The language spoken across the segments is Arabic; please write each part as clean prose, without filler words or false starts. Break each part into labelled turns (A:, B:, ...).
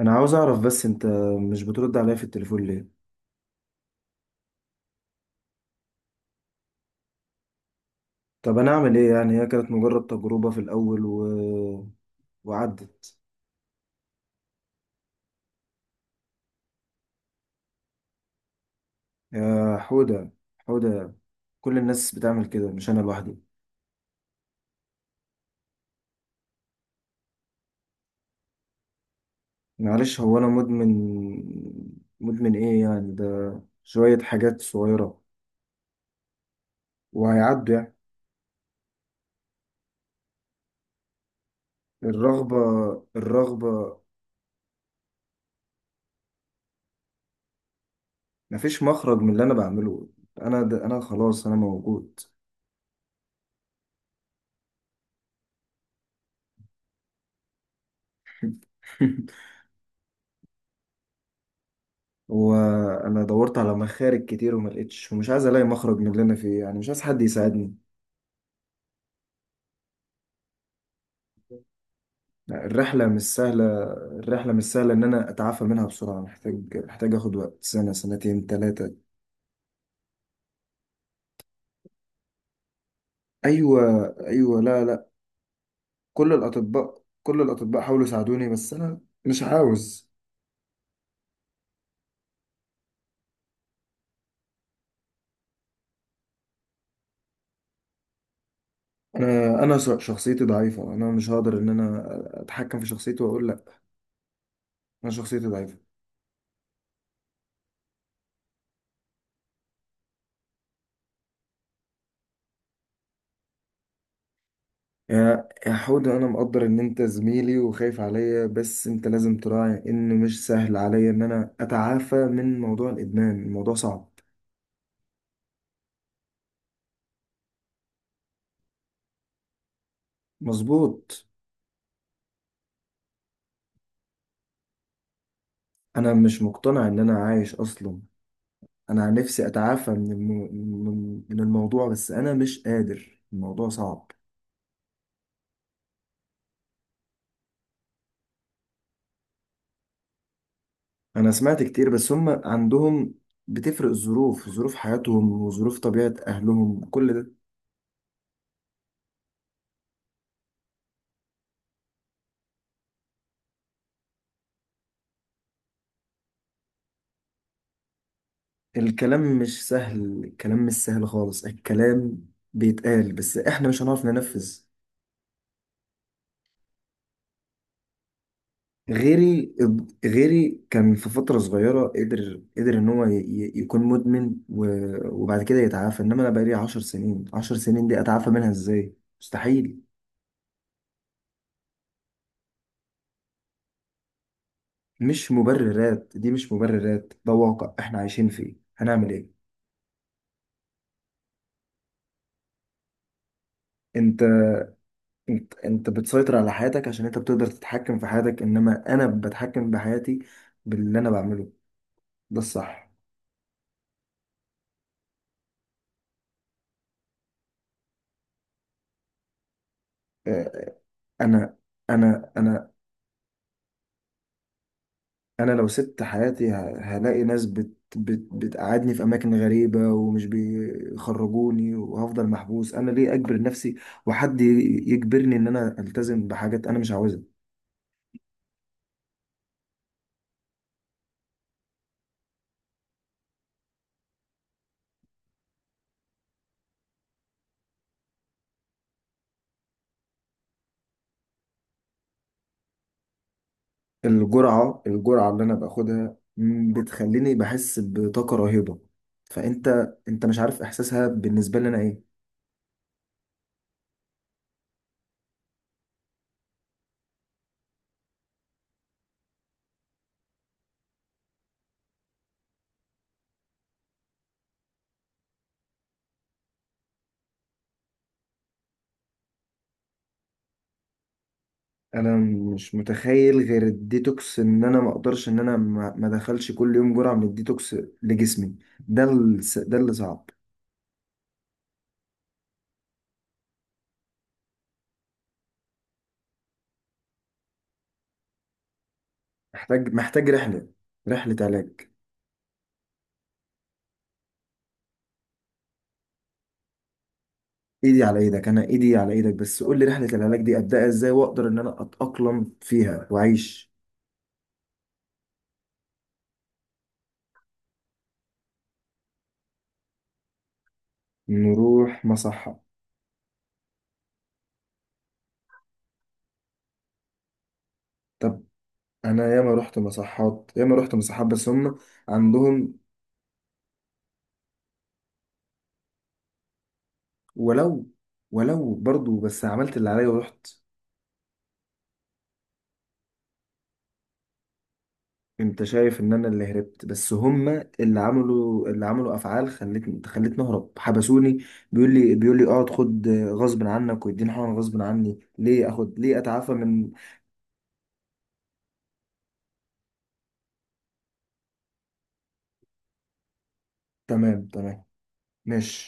A: انا عاوز اعرف بس انت مش بترد عليا في التليفون ليه؟ طب انا اعمل ايه يعني؟ هي كانت مجرد تجربة في الاول، وعدت. يا حودة، حودة، كل الناس بتعمل كده، مش انا لوحدي. معلش، هو انا مدمن؟ مدمن ايه يعني ده؟ شوية حاجات صغيرة وهيعدوا يعني. الرغبة الرغبة. مفيش مخرج من اللي انا بعمله. انا ده انا، خلاص، انا موجود. وانا دورت على مخارج كتير وما لقيتش، ومش عايز الاقي مخرج من اللي انا فيه يعني، مش عايز حد يساعدني. الرحله مش سهله الرحله مش سهله ان انا اتعافى منها بسرعه. محتاج اخد وقت، سنه، سنتين، ثلاثه. ايوه، ايوه، لا، لا. كل الاطباء حاولوا يساعدوني، بس انا مش عاوز. شخصيتي ضعيفه، انا مش هقدر ان انا اتحكم في شخصيتي واقول لا. انا شخصيتي ضعيفه. يا حودة، أنا مقدر إن أنت زميلي وخايف عليا، بس أنت لازم تراعي إن مش سهل عليا إن أنا أتعافى من موضوع الإدمان. الموضوع صعب. مظبوط. أنا مش مقتنع إن أنا عايش أصلا. أنا نفسي أتعافى من من الموضوع، بس أنا مش قادر، الموضوع صعب. أنا سمعت كتير، بس هم عندهم بتفرق الظروف، ظروف حياتهم وظروف طبيعة أهلهم، كل ده. الكلام مش سهل، الكلام مش سهل خالص، الكلام بيتقال بس احنا مش هنعرف ننفذ. غيري غيري كان في فترة صغيرة، قدر ان هو يكون مدمن وبعد كده يتعافى، انما انا بقالي 10 سنين. 10 سنين دي اتعافى منها ازاي؟ مستحيل. مش مبررات، دي مش مبررات، ده واقع احنا عايشين فيه، هنعمل ايه؟ انت انت بتسيطر على حياتك عشان انت بتقدر تتحكم في حياتك، انما انا بتحكم بحياتي باللي انا بعمله، ده الصح. آه، انا انا انا انا لو سبت حياتي هلاقي ناس بت بت بتقعدني في اماكن غريبه ومش بيخرجوني وهفضل محبوس. انا ليه اجبر نفسي وحد يجبرني ان انا التزم بحاجات انا مش عاوزها؟ الجرعه اللي انا باخدها بتخليني بحس بطاقه رهيبه. فانت مش عارف احساسها بالنسبه لي انا ايه. انا مش متخيل غير الديتوكس، ان انا ما اقدرش ان انا ما دخلش كل يوم جرعة من الديتوكس لجسمي. ده اللي صعب. محتاج رحلة علاج. ايدي على ايدك، انا ايدي على ايدك، بس قول لي رحلة العلاج دي ابدأها ازاي، واقدر ان انا اتأقلم فيها واعيش. نروح مصحة. طب انا ياما رحت مصحات، ياما رحت مصحات، بس هم عندهم. ولو ولو برضو بس عملت اللي عليا ورحت. انت شايف ان انا اللي هربت، بس هما اللي عملوا اللي عملوا افعال خلتني اهرب، حبسوني. بيقول لي اقعد خد غصب عنك، ويديني حقن غصب عني. ليه اخد؟ ليه اتعافى من... تمام، تمام، ماشي.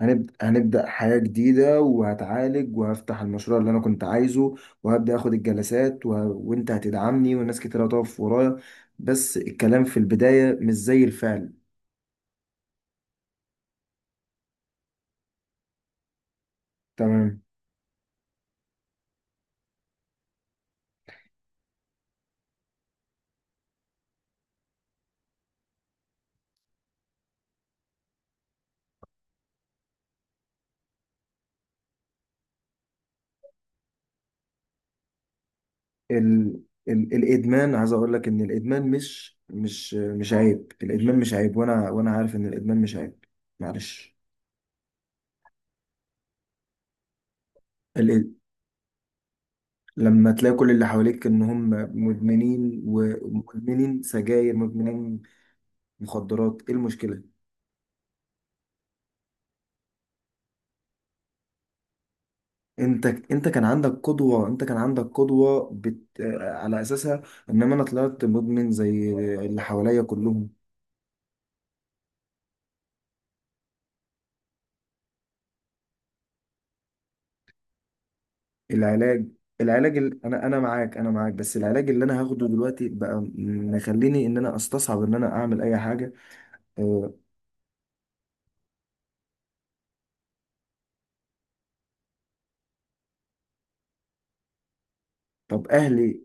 A: هنبدأ حياة جديدة، وهتعالج، وهفتح المشروع اللي انا كنت عايزه، وهبدأ اخد الجلسات، و... وانت هتدعمني والناس كتير هتقف ورايا. بس الكلام في البداية مش زي الفعل. تمام. ال... الادمان، عايز اقول لك ان الادمان مش عيب. الادمان مش عيب، وانا عارف ان الادمان مش عيب. معلش. ال... لما تلاقي كل اللي حواليك ان هم مدمنين، ومدمنين سجاير، مدمنين مخدرات، ايه المشكله؟ انت كان عندك قدوه، انت كان عندك قدوه على اساسها، انما انا طلعت مدمن زي اللي حواليا كلهم. العلاج، انا معاك، انا معاك، بس العلاج اللي انا هاخده دلوقتي بقى مخليني ان انا استصعب ان انا اعمل اي حاجه. أه... طب اهلي،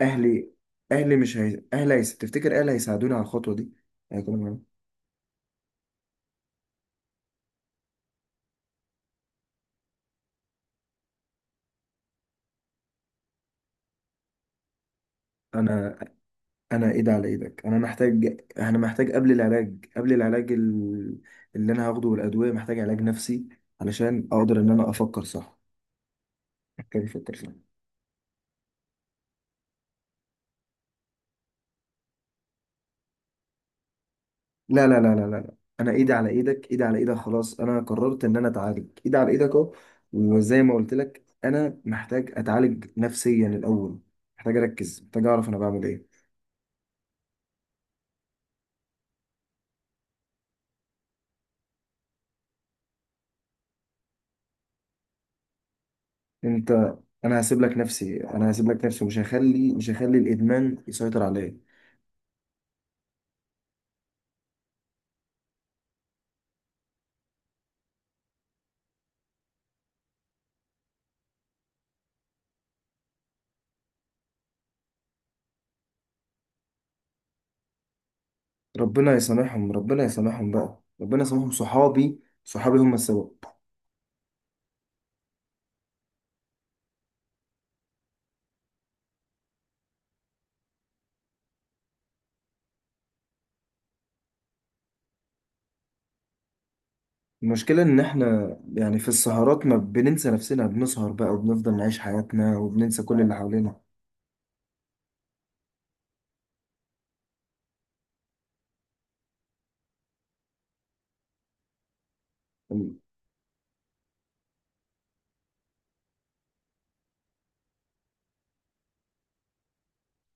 A: اهلي مش هي... تفتكر اهلي هيساعدوني على الخطوه دي؟ هيكونوا معايا؟ انا انا ايد على ايدك، انا محتاج قبل العلاج اللي انا هاخده والادويه، محتاج علاج نفسي علشان اقدر ان انا افكر صح. محتاج افكر صح. لا، لا، لا، لا، لا، لا. انا ايدي على ايدك، ايدي على ايدك، خلاص، انا قررت ان انا اتعالج، ايدي على ايدك اهو. وزي ما قلت لك، انا محتاج اتعالج نفسيا الاول، محتاج اركز، محتاج اعرف انا بعمل ايه. انت، انا هسيب لك نفسي، انا هسيب لك نفسي، مش هخلي الادمان يسيطر عليا. ربنا يسامحهم، ربنا يسامحهم بقى، ربنا يسامحهم، صحابي، صحابي هم السبب. المشكلة إن إحنا يعني في السهرات ما بننسى نفسنا، بنسهر بقى وبنفضل نعيش حياتنا وبننسى كل اللي حوالينا.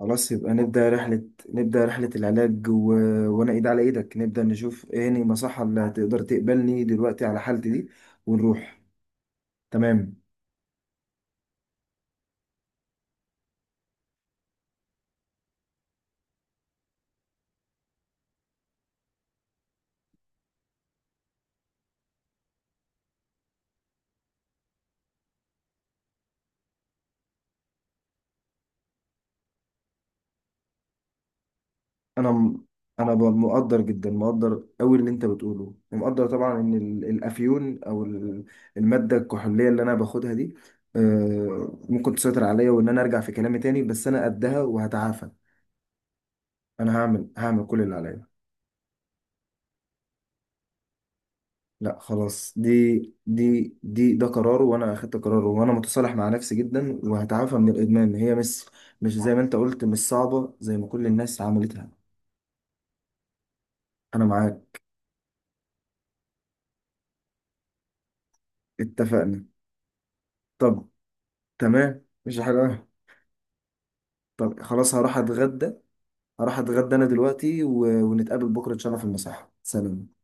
A: خلاص يبقى نبدأ رحلة العلاج، وأنا إيد على إيدك، نبدأ نشوف إيه هني المصحة اللي هتقدر تقبلني دلوقتي على حالتي دي، ونروح. تمام. أنا م... أنا ب- مقدر جدا، مقدر أوي اللي أنت بتقوله، ومقدر طبعا إن الأفيون أو المادة الكحولية اللي أنا باخدها دي ممكن تسيطر عليا، وإن أنا أرجع في كلامي تاني، بس أنا قدها وهتعافى. أنا هعمل كل اللي عليا. لا خلاص، دي دي دي ده قرار، وانا اخدت قراره، وانا متصالح مع نفسي جدا، وهتعافى من الادمان. هي مش، مش زي ما انت قلت، مش صعبه، زي ما كل الناس عملتها. انا معاك. اتفقنا. طب تمام، مش حاجه. طب خلاص، هروح اتغدى، هروح اتغدى انا دلوقتي، و... ونتقابل بكره ان شاء الله في المساحه. سلام.